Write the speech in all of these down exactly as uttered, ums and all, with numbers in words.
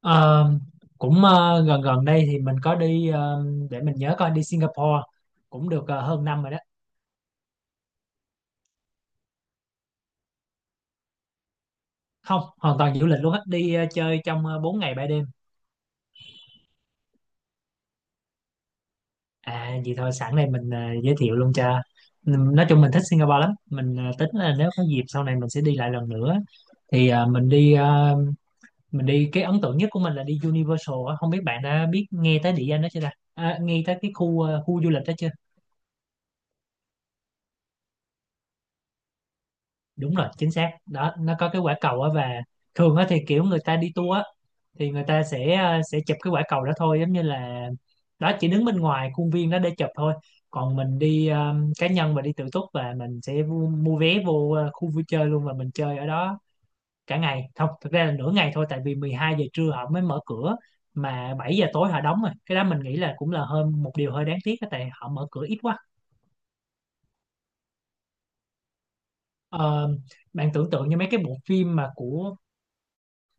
Ờ, Cũng ờ, gần gần đây thì mình có đi, ờ, để mình nhớ coi, đi Singapore cũng được ờ, hơn năm rồi đó. Không, hoàn toàn du lịch luôn á, đi ờ, chơi trong uh, bốn ngày ba đêm. À, vậy thôi, sẵn đây mình ờ, giới thiệu luôn cho. Ừm, nói chung mình thích Singapore lắm, mình ờ, tính là nếu có dịp sau này mình sẽ đi lại lần nữa. Thì ờ, mình đi ờ, Mình đi, cái ấn tượng nhất của mình là đi Universal á. Không biết bạn đã biết, nghe tới địa danh đó chưa ta? À, nghe tới cái khu, ờ, khu du lịch đó chưa? Đúng rồi, chính xác đó, nó có cái quả cầu á, và thường á thì kiểu người ta đi tour á, thì người ta sẽ ờ, sẽ chụp cái quả cầu đó thôi, giống như là đó, chỉ đứng bên ngoài khuôn viên đó để chụp thôi. Còn mình đi ờ, cá nhân và đi tự túc, và mình sẽ vu- mua vé vô ờ, khu vui chơi luôn, và mình chơi ở đó cả ngày. Không, thực ra là nửa ngày thôi, tại vì mười hai giờ trưa họ mới mở cửa, mà bảy giờ tối họ đóng rồi. Cái đó mình nghĩ là cũng là hơn, một điều hơi đáng tiếc á, tại họ mở cửa ít quá. Ờ, Bạn tưởng tượng như mấy cái bộ phim mà của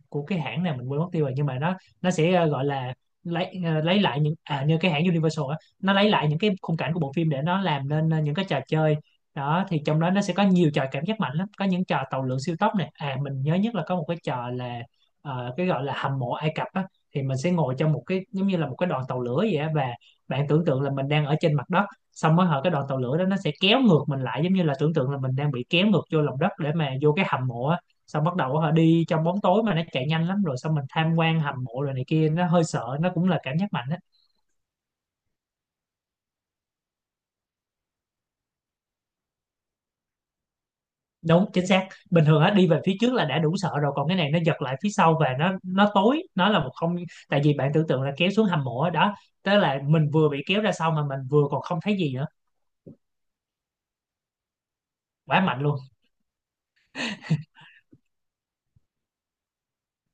của cái hãng này mình quên mất tiêu rồi, nhưng mà nó nó sẽ ờ, gọi là lấy ờ, lấy lại những, à, như cái hãng Universal á, nó lấy lại những cái khung cảnh của bộ phim để nó làm nên ờ, những cái trò chơi. Đó thì trong đó nó sẽ có nhiều trò cảm giác mạnh lắm, có những trò tàu lượn siêu tốc này. À, mình nhớ nhất là có một cái trò là ờ, cái gọi là hầm mộ Ai Cập á. Thì mình sẽ ngồi trong một cái giống như là một cái đoàn tàu lửa vậy á, và bạn tưởng tượng là mình đang ở trên mặt đất, xong mới hở cái đoàn tàu lửa đó, nó sẽ kéo ngược mình lại, giống như là tưởng tượng là mình đang bị kéo ngược vô lòng đất để mà vô cái hầm mộ á. Xong bắt đầu họ đi trong bóng tối mà nó chạy nhanh lắm, rồi xong mình tham quan hầm mộ rồi này kia, nó hơi sợ, nó cũng là cảm giác mạnh á. Đúng chính xác, bình thường á đi về phía trước là đã đủ sợ rồi, còn cái này nó giật lại phía sau và nó nó tối, nó là một không. Tại vì bạn tưởng tượng là kéo xuống hầm mộ á, đó. Tức là mình vừa bị kéo ra sau mà mình vừa còn không thấy gì nữa. Quá mạnh luôn.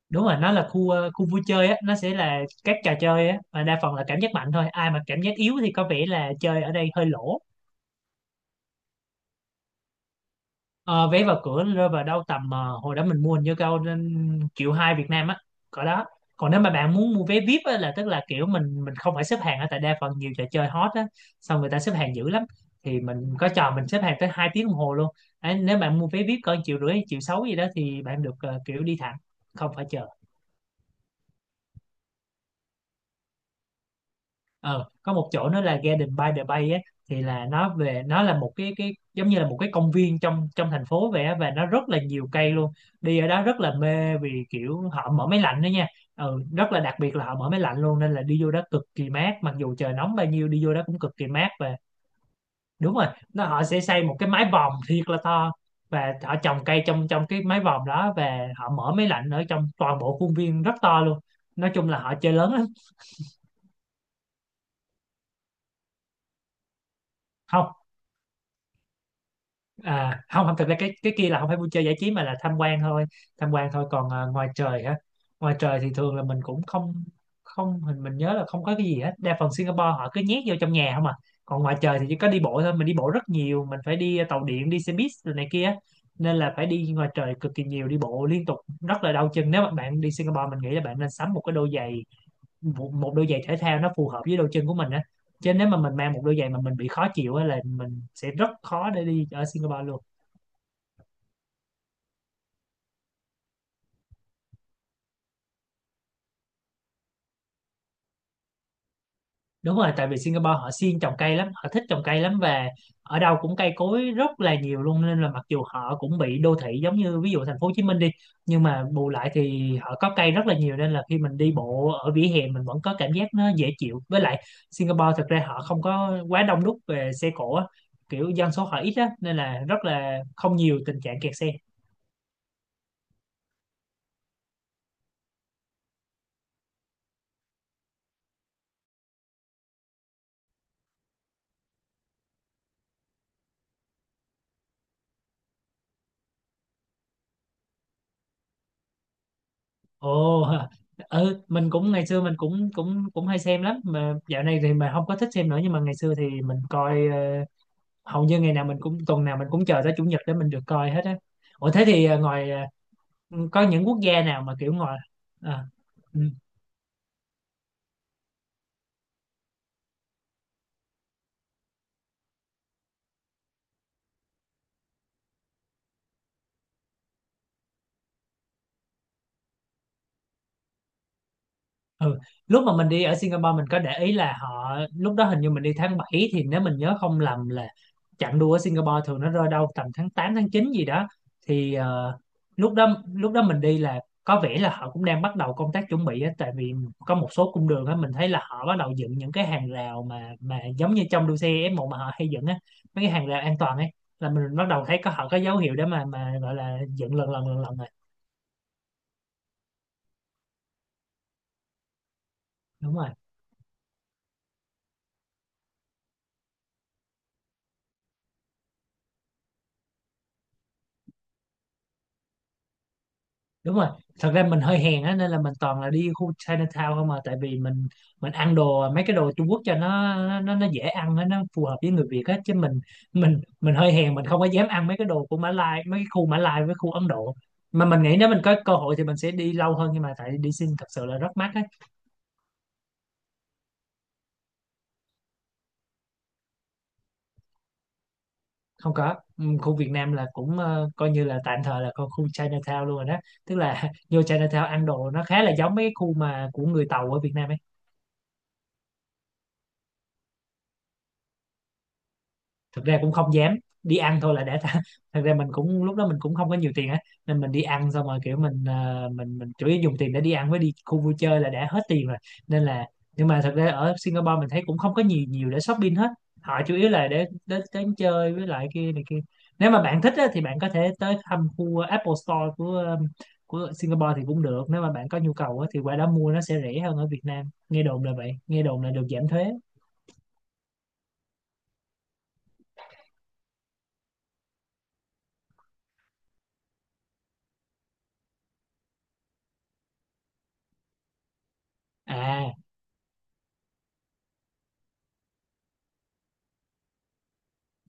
Đúng rồi, nó là khu, ờ, khu vui chơi á, nó sẽ là các trò chơi á mà đa phần là cảm giác mạnh thôi, ai mà cảm giác yếu thì có vẻ là chơi ở đây hơi lỗ. Ờ, Vé vào cửa rơi vào đâu tầm, ờ, hồi đó mình mua hình như cao nên triệu hai Việt Nam á, cỡ đó. Còn nếu mà bạn muốn mua vé víp á, là tức là kiểu mình mình không phải xếp hàng ở, tại đa phần nhiều trò chơi hot á, xong người ta xếp hàng dữ lắm. Thì mình có trò mình xếp hàng tới hai tiếng đồng hồ luôn. Đấy, nếu bạn mua vé víp cỡ triệu rưỡi triệu sáu gì đó thì bạn được ờ, kiểu đi thẳng, không phải chờ. ờ có một chỗ nó là Garden by the Bay á, thì là nó về, nó là một cái cái giống như là một cái công viên trong trong thành phố vậy á, và nó rất là nhiều cây luôn. Đi ở đó rất là mê vì kiểu họ mở máy lạnh đó nha, ừ, rất là đặc biệt là họ mở máy lạnh luôn, nên là đi vô đó cực kỳ mát, mặc dù trời nóng bao nhiêu đi vô đó cũng cực kỳ mát và đúng rồi. Nó họ sẽ xây một cái mái vòm thiệt là to, và họ trồng cây trong trong cái mái vòm đó, và họ mở máy lạnh ở trong toàn bộ khuôn viên rất to luôn. Nói chung là họ chơi lớn lắm. Không à, không không, thật ra cái cái kia là không phải vui chơi giải trí mà là tham quan thôi. Tham quan thôi. Còn ờ, ngoài trời hả? Ngoài trời thì thường là mình cũng không, không, mình mình nhớ là không có cái gì hết, đa phần Singapore họ cứ nhét vô trong nhà không à. Còn ngoài trời thì chỉ có đi bộ thôi, mình đi bộ rất nhiều, mình phải đi, à, tàu điện, đi xe buýt rồi này kia, nên là phải đi ngoài trời cực kỳ nhiều, đi bộ liên tục, rất là đau chân. Nếu mà bạn đi Singapore, mình nghĩ là bạn nên sắm một cái đôi giày, một, một đôi giày thể thao nó phù hợp với đôi chân của mình á, chứ nếu mà mình mang một đôi giày mà mình bị khó chịu á, là mình sẽ rất khó để đi ở Singapore luôn. Đúng rồi, tại vì Singapore họ siêng trồng cây lắm, họ thích trồng cây lắm, và ở đâu cũng cây cối rất là nhiều luôn, nên là mặc dù họ cũng bị đô thị giống như ví dụ thành phố Hồ Chí Minh đi, nhưng mà bù lại thì họ có cây rất là nhiều nên là khi mình đi bộ ở vỉa hè mình vẫn có cảm giác nó dễ chịu. Với lại Singapore thật ra họ không có quá đông đúc về xe cộ á, kiểu dân số họ ít á nên là rất là không nhiều tình trạng kẹt xe. Ồ! Ừ, mình cũng ngày xưa mình cũng cũng cũng hay xem lắm, mà dạo này thì mà không có thích xem nữa, nhưng mà ngày xưa thì mình coi, ờ, hầu như ngày nào mình cũng, tuần nào mình cũng chờ tới chủ nhật để mình được coi hết á. Ủa thế thì, à, ngoài, à, có những quốc gia nào mà kiểu ngoài, à, ừ. Ừ. Lúc mà mình đi ở Singapore, mình có để ý là họ, lúc đó hình như mình đi tháng bảy, thì nếu mình nhớ không lầm là chặng đua ở Singapore thường nó rơi đâu tầm tháng tám tháng chín gì đó. thì ờ, lúc đó lúc đó mình đi là có vẻ là họ cũng đang bắt đầu công tác chuẩn bị á, tại vì có một số cung đường á mình thấy là họ bắt đầu dựng những cái hàng rào mà mà giống như trong đua xe ép một mà họ hay dựng á, mấy cái hàng rào an toàn ấy, là mình bắt đầu thấy có họ có dấu hiệu để mà mà gọi là dựng lần lần lần lần rồi. Đúng rồi. Đúng rồi, thật ra mình hơi hèn á nên là mình toàn là đi khu Chinatown không à, tại vì mình mình ăn đồ, mấy cái đồ Trung Quốc cho nó nó nó dễ ăn á, nó phù hợp với người Việt á, chứ mình, mình mình hơi hèn, mình không có dám ăn mấy cái đồ của Mã Lai, mấy cái khu Mã Lai với khu Ấn Độ. Mà mình nghĩ nếu mình có cơ hội thì mình sẽ đi lâu hơn, nhưng mà tại đi xin thật sự là rất mắc á. Không có. Ừm, khu Việt Nam là cũng ờ, coi như là tạm thời là con khu Chinatown luôn rồi đó, tức là vô Chinatown ăn đồ nó khá là giống mấy cái khu mà của người Tàu ở Việt Nam. Thực ra cũng không dám, đi ăn thôi là đã tha- thật ra mình cũng, lúc đó mình cũng không có nhiều tiền á, nên mình đi ăn xong rồi kiểu mình ờ, mình mình chủ yếu dùng tiền để đi ăn với đi khu vui chơi là đã hết tiền rồi, nên là, nhưng mà thật ra ở Singapore mình thấy cũng không có nhiều nhiều để shopping hết, họ chủ yếu là để đến đến chơi với lại kia này kia. Nếu mà bạn thích á, thì bạn có thể tới thăm khu Apple Store của ờ, của Singapore thì cũng được, nếu mà bạn có nhu cầu á, thì qua đó mua nó sẽ rẻ hơn ở Việt Nam, nghe đồn là vậy, nghe đồn là được giảm thuế. À.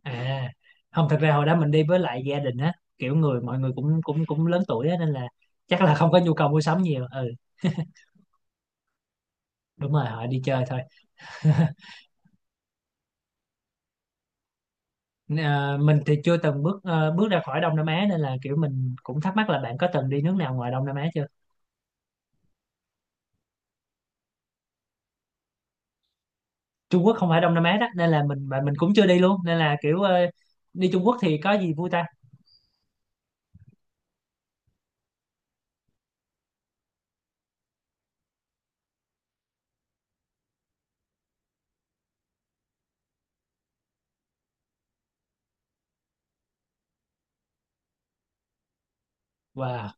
À, không, thật ra hồi đó mình đi với lại gia đình á, kiểu người mọi người cũng cũng cũng lớn tuổi á nên là chắc là không có nhu cầu mua sắm nhiều. Ừ, đúng rồi, họ đi chơi thôi. Ờ, mình thì chưa từng bước ờ, bước ra khỏi Đông Nam Á, nên là kiểu mình cũng thắc mắc là bạn có từng đi nước nào ngoài Đông Nam Á chưa? Trung Quốc không phải Đông Nam Á đó, nên là mình, mà mình cũng chưa đi luôn, nên là kiểu ờ, đi Trung Quốc thì có gì vui ta? Wow.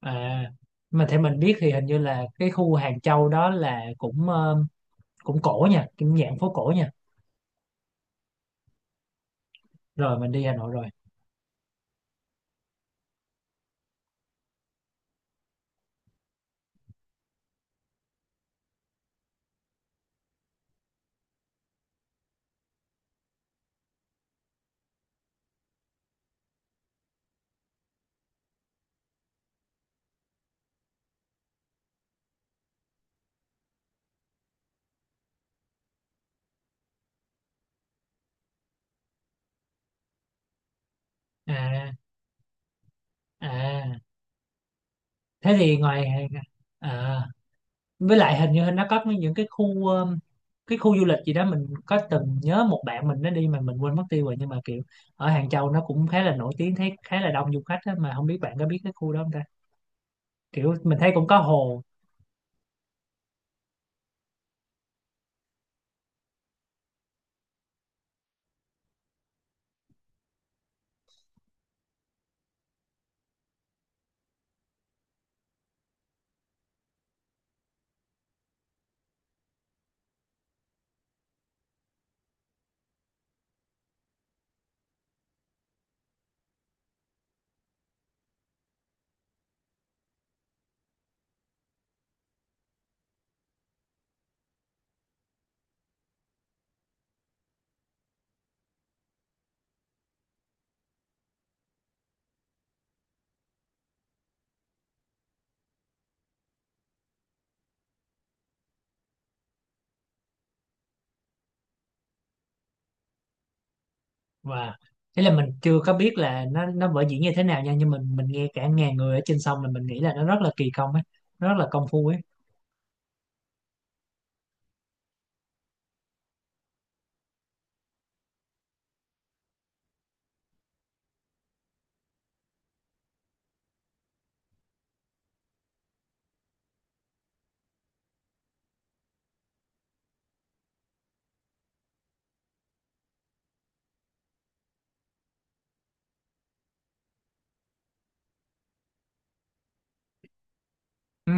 À, mà theo mình biết thì hình như là cái khu Hàng Châu đó là cũng ờ, cũng cổ nha, cũng dạng phố cổ nha. Rồi, mình đi Hà Nội rồi. À. À, thế thì ngoài, à, với lại hình như nó có mấy những cái khu, um, cái khu du lịch gì đó mình có từng nhớ một bạn mình nó đi mà mình quên mất tiêu rồi, nhưng mà kiểu ở Hàng Châu nó cũng khá là nổi tiếng, thấy khá là đông du khách á, mà không biết bạn có biết cái khu đó không ta? Kiểu mình thấy cũng có hồ. Và thế là mình chưa có biết là nó nó vở diễn như thế nào nha, nhưng mình mình nghe cả ngàn người ở trên sông là mình nghĩ là nó rất là kỳ công ấy, nó rất là công phu ấy. Ừ,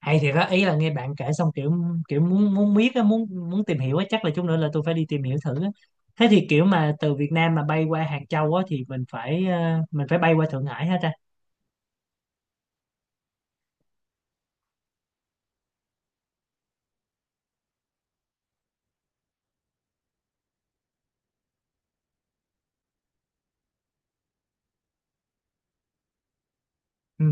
hay thiệt á, ý là nghe bạn kể xong kiểu, kiểu muốn muốn biết á, muốn muốn tìm hiểu á, chắc là chút nữa là tôi phải đi tìm hiểu thử á. Thế thì kiểu mà từ Việt Nam mà bay qua Hàng Châu á, thì mình phải ờ, mình phải bay qua Thượng Hải hả ta? Ừ.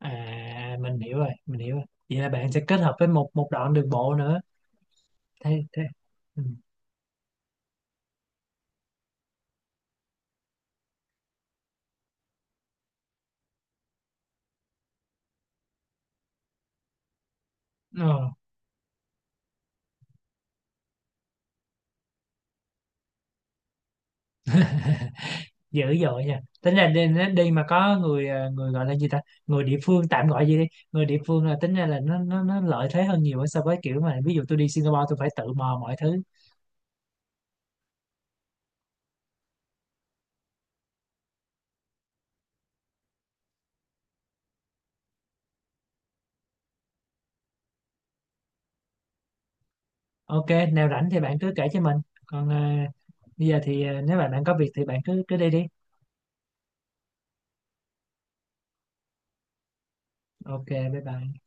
À, mình hiểu rồi, mình hiểu rồi, vậy là bạn sẽ kết hợp với một một đoạn đường bộ nữa. Thế. Thế. Ừ. Ờ, Dữ dội nha, tính ra đi, đi mà có người, ờ, người gọi là gì ta, người địa phương tạm gọi gì đi, người địa phương là tính ra là nó nó nó lợi thế hơn nhiều so với kiểu mà ví dụ tôi đi Singapore tôi phải tự mò mọi thứ. Ok, nào rảnh thì bạn cứ kể cho mình. Còn, à, bây giờ thì, à, nếu mà bạn có việc thì bạn cứ cứ đi đi. Ok, bye bye.